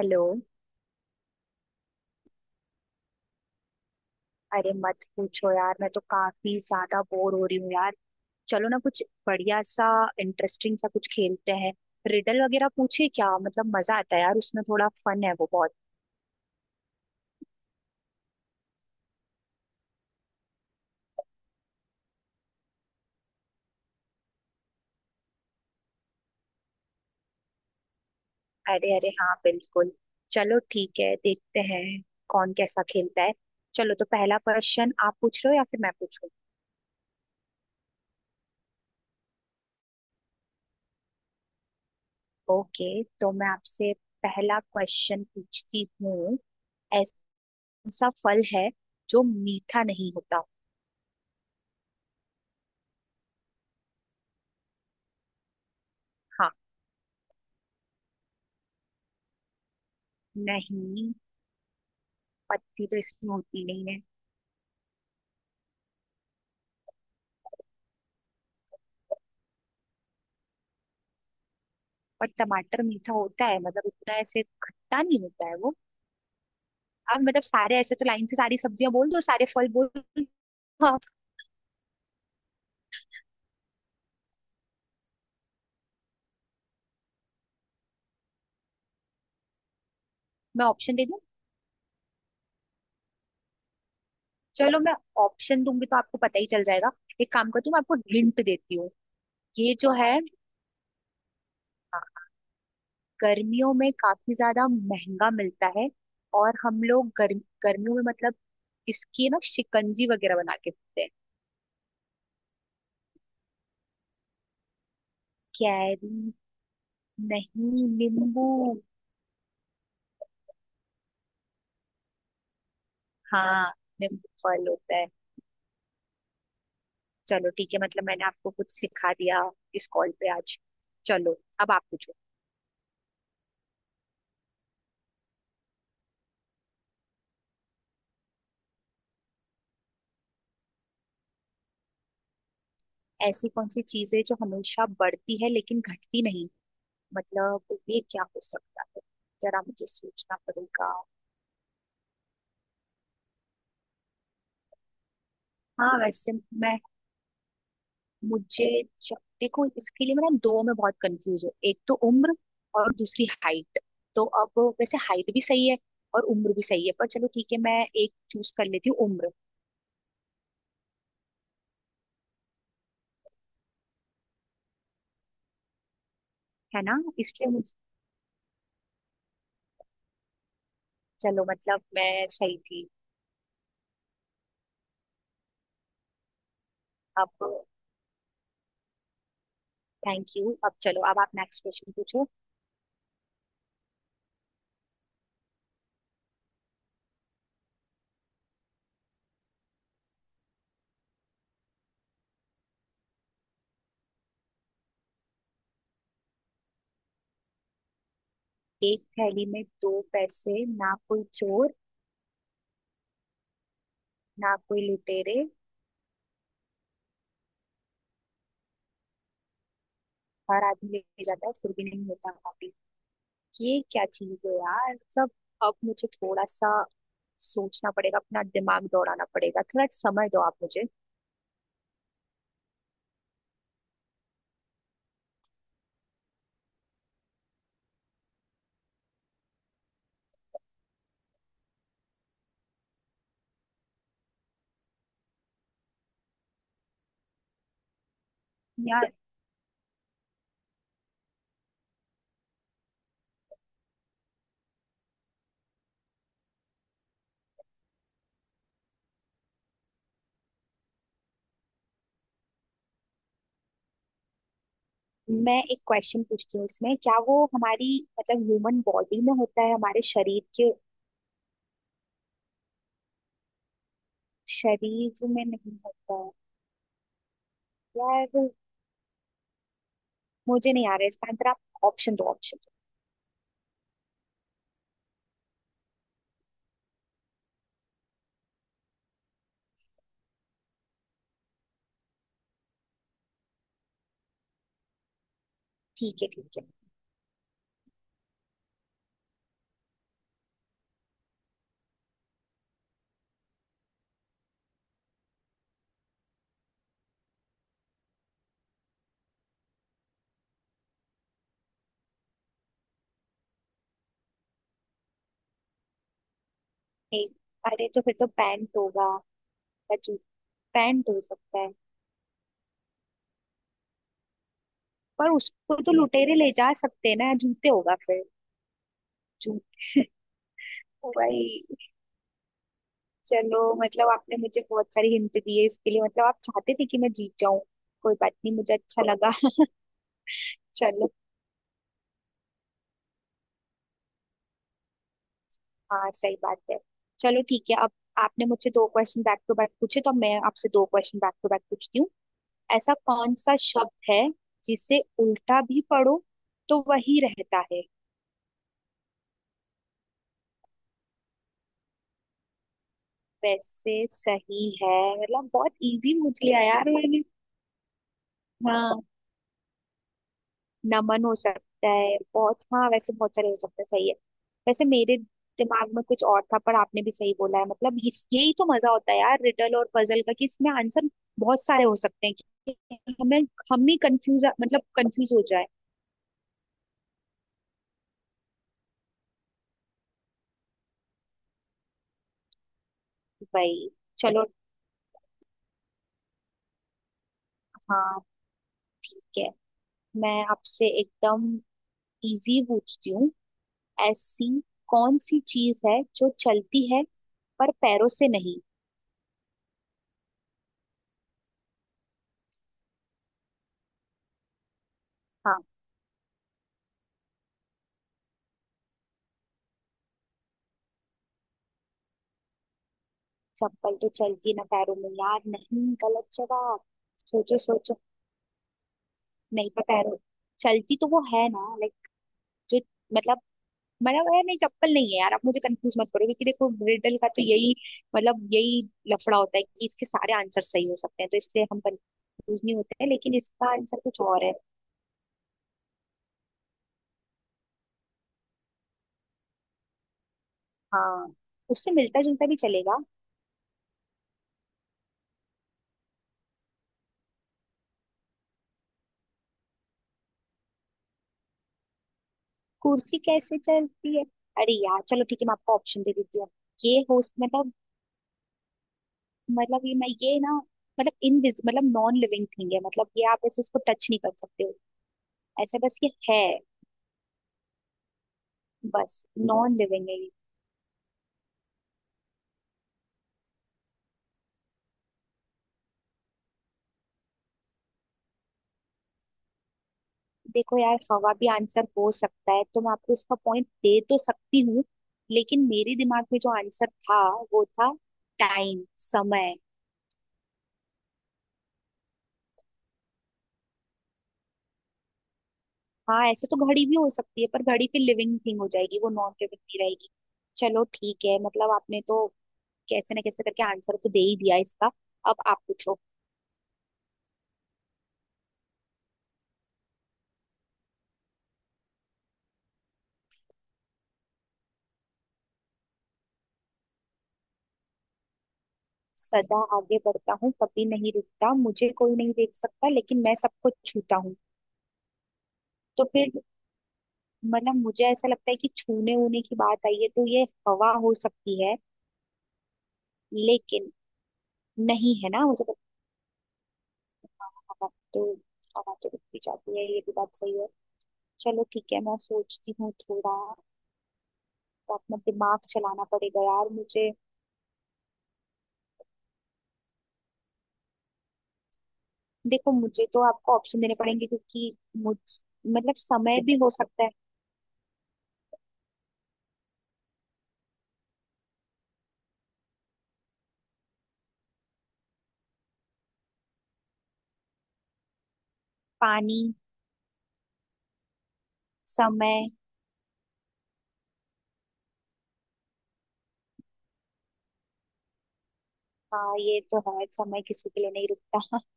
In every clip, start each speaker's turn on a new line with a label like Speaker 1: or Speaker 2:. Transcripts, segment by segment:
Speaker 1: Hello. अरे मत पूछो यार, मैं तो काफी ज्यादा बोर हो रही हूँ यार। चलो ना, कुछ बढ़िया सा इंटरेस्टिंग सा कुछ खेलते हैं। रिडल वगैरह पूछे क्या, मतलब मजा आता है यार, उसमें थोड़ा फन है वो बहुत। अरे अरे हाँ, बिल्कुल। चलो ठीक है, देखते हैं कौन कैसा खेलता है। चलो, तो पहला क्वेश्चन आप पूछ रहे हो या फिर मैं पूछूं? ओके, तो मैं आपसे पहला क्वेश्चन पूछती हूँ। ऐसा फल है जो मीठा नहीं होता। हाँ। नहीं, पत्ती तो इसमें होती नहीं है। और टमाटर मीठा होता है मतलब, इतना ऐसे खट्टा नहीं होता है वो। आप मतलब सारे ऐसे तो लाइन से सारी सब्जियां बोल दो, सारे फल बोल दो। हाँ। मैं ऑप्शन दे दूं? चलो, मैं ऑप्शन दूंगी तो आपको पता ही चल जाएगा। एक काम करती हूँ, मैं आपको हिंट देती हूँ। ये जो है, हाँ, गर्मियों में काफी ज्यादा महंगा मिलता है। और हम लोग गर्मियों में मतलब, इसकी ना शिकंजी वगैरह बना के पीते हैं। कैरी? नहीं, नींबू। हाँ, नींबू फल होता है। चलो ठीक है, मतलब मैंने आपको कुछ सिखा दिया इस कॉल पे आज। चलो, अब आप पूछो। ऐसी कौन सी चीज है जो हमेशा बढ़ती है लेकिन घटती नहीं? मतलब, ये क्या हो सकता है? जरा मुझे सोचना पड़ेगा। हाँ, वैसे। मैं मुझे ज- देखो, इसके लिए मैं ना दो में बहुत कंफ्यूज हूँ। एक तो उम्र और दूसरी हाइट। तो अब वैसे हाइट भी सही है और उम्र भी सही है, पर चलो ठीक है, मैं एक चूज कर लेती हूँ उम्र। है ना, इसलिए मुझे। चलो मतलब, मैं सही थी। अब थैंक यू, अब चलो, अब आप नेक्स्ट क्वेश्चन पूछो। एक थैली में दो पैसे, ना कोई चोर ना कोई लुटेरे, हर आदमी ले जाता है, फिर भी नहीं होता कॉपी। ये क्या चीज है यार सब? अब मुझे थोड़ा सा सोचना पड़ेगा, अपना दिमाग दौड़ाना पड़ेगा, थोड़ा समय दो आप मुझे। यार, मैं एक क्वेश्चन पूछती हूँ, इसमें क्या वो हमारी मतलब ह्यूमन बॉडी में होता है, हमारे शरीर के? शरीर में नहीं होता है? यार, मुझे नहीं आ रहा है इसका आंसर, आप ऑप्शन दो, ऑप्शन दो। ठीक है, ठीक है। नहीं, अरे तो फिर तो पैंट होगा या जू, पैंट हो सकता है। पर उसको तो लुटेरे ले जा सकते हैं ना, जूते होगा फिर। जूते भाई। चलो मतलब, आपने मुझे बहुत सारी हिंट दी है इसके लिए, मतलब आप चाहते थे कि मैं जीत जाऊं। कोई बात नहीं, मुझे अच्छा लगा। चलो, हाँ सही बात है। चलो ठीक है, अब आपने मुझसे दो क्वेश्चन बैक टू बैक पूछे, तो अब मैं आपसे दो क्वेश्चन बैक टू बैक पूछती हूँ। ऐसा कौन सा शब्द है जिसे उल्टा भी पढ़ो तो वही रहता है? वैसे सही है, मतलब बहुत इजी पूछ लिया यार मैंने। हाँ, नमन हो सकता है, बहुत हाँ, वैसे बहुत सारे हो सकते हैं, सही है। वैसे मेरे दिमाग में कुछ और था, पर आपने भी सही बोला है। मतलब इस यही तो मजा होता है यार रिडल और पजल का, कि इसमें आंसर बहुत सारे हो सकते हैं कि हमें, हम ही कंफ्यूज, मतलब कंफ्यूज हो जाए। भाई, चलो हाँ ठीक है, मैं आपसे एकदम इजी पूछती हूँ। ऐसी कौन सी चीज है जो चलती है पर पैरों से नहीं? हाँ। चप्पल तो चलती ना पैरों में यार, नहीं, गलत जवाब। सोचो, सोचो। नहीं पता पैरों। चलती तो वो है ना, लाइक, जो मतलब, मतलब यार नहीं, चप्पल नहीं है यार, आप मुझे कंफ्यूज मत करो, क्योंकि देखो रिडल का तो यही मतलब, यही लफड़ा होता है कि इसके सारे आंसर सही हो सकते हैं, तो इसलिए हम कंफ्यूज नहीं होते हैं, लेकिन इसका आंसर कुछ और है। हाँ, उससे मिलता जुलता भी चलेगा। कुर्सी कैसे चलती है? अरे यार, चलो ठीक है, मैं आपको ऑप्शन दे देती हूँ। ये हो मतलब, मतलब ये मैं ये ना मतलब इन मतलब नॉन लिविंग थिंग है, मतलब ये आप ऐसे इसको टच नहीं कर सकते हो। ऐसा बस ये है, बस नॉन लिविंग है ये। देखो यार, हवा भी आंसर हो सकता है, तो मैं आपको इसका पॉइंट दे तो सकती हूँ, लेकिन मेरे दिमाग में जो आंसर था, वो था टाइम, समय। हाँ, ऐसे तो घड़ी भी हो सकती है, पर घड़ी फिर लिविंग थिंग हो जाएगी, वो नॉन लिविंग नहीं रहेगी। चलो ठीक है, मतलब आपने तो कैसे ना कैसे करके आंसर तो दे ही दिया इसका। अब आप पूछो। सदा आगे बढ़ता हूँ कभी नहीं रुकता, मुझे कोई नहीं देख सकता, लेकिन मैं सबको छूता हूँ। तो फिर मतलब, मुझे ऐसा लगता है कि छूने ऊने की बात आई है, तो ये हवा हो सकती है। लेकिन नहीं, है ना, मुझे पता, हवा तो हवा तो रुक भी जाती है, ये भी बात सही है। चलो ठीक है, मैं सोचती हूँ थोड़ा, तो अपना दिमाग चलाना पड़ेगा यार मुझे। देखो, मुझे तो आपको ऑप्शन देने पड़ेंगे क्योंकि मुझ, मतलब समय भी हो सकता है। पानी? समय? हाँ, ये तो है, समय किसी के लिए नहीं रुकता।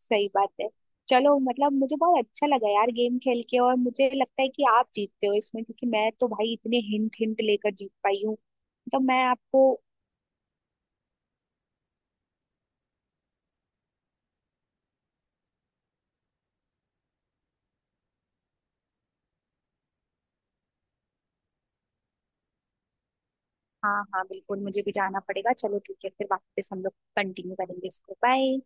Speaker 1: सही बात है। चलो मतलब, मुझे बहुत अच्छा लगा यार गेम खेल के, और मुझे लगता है कि आप जीतते हो इसमें, क्योंकि मैं तो भाई इतने हिंट हिंट लेकर जीत पाई हूँ। तो मैं आपको, हाँ हाँ बिल्कुल, मुझे भी जाना पड़ेगा। चलो ठीक है, फिर वापस हम लोग कंटिन्यू करेंगे इसको, बाय।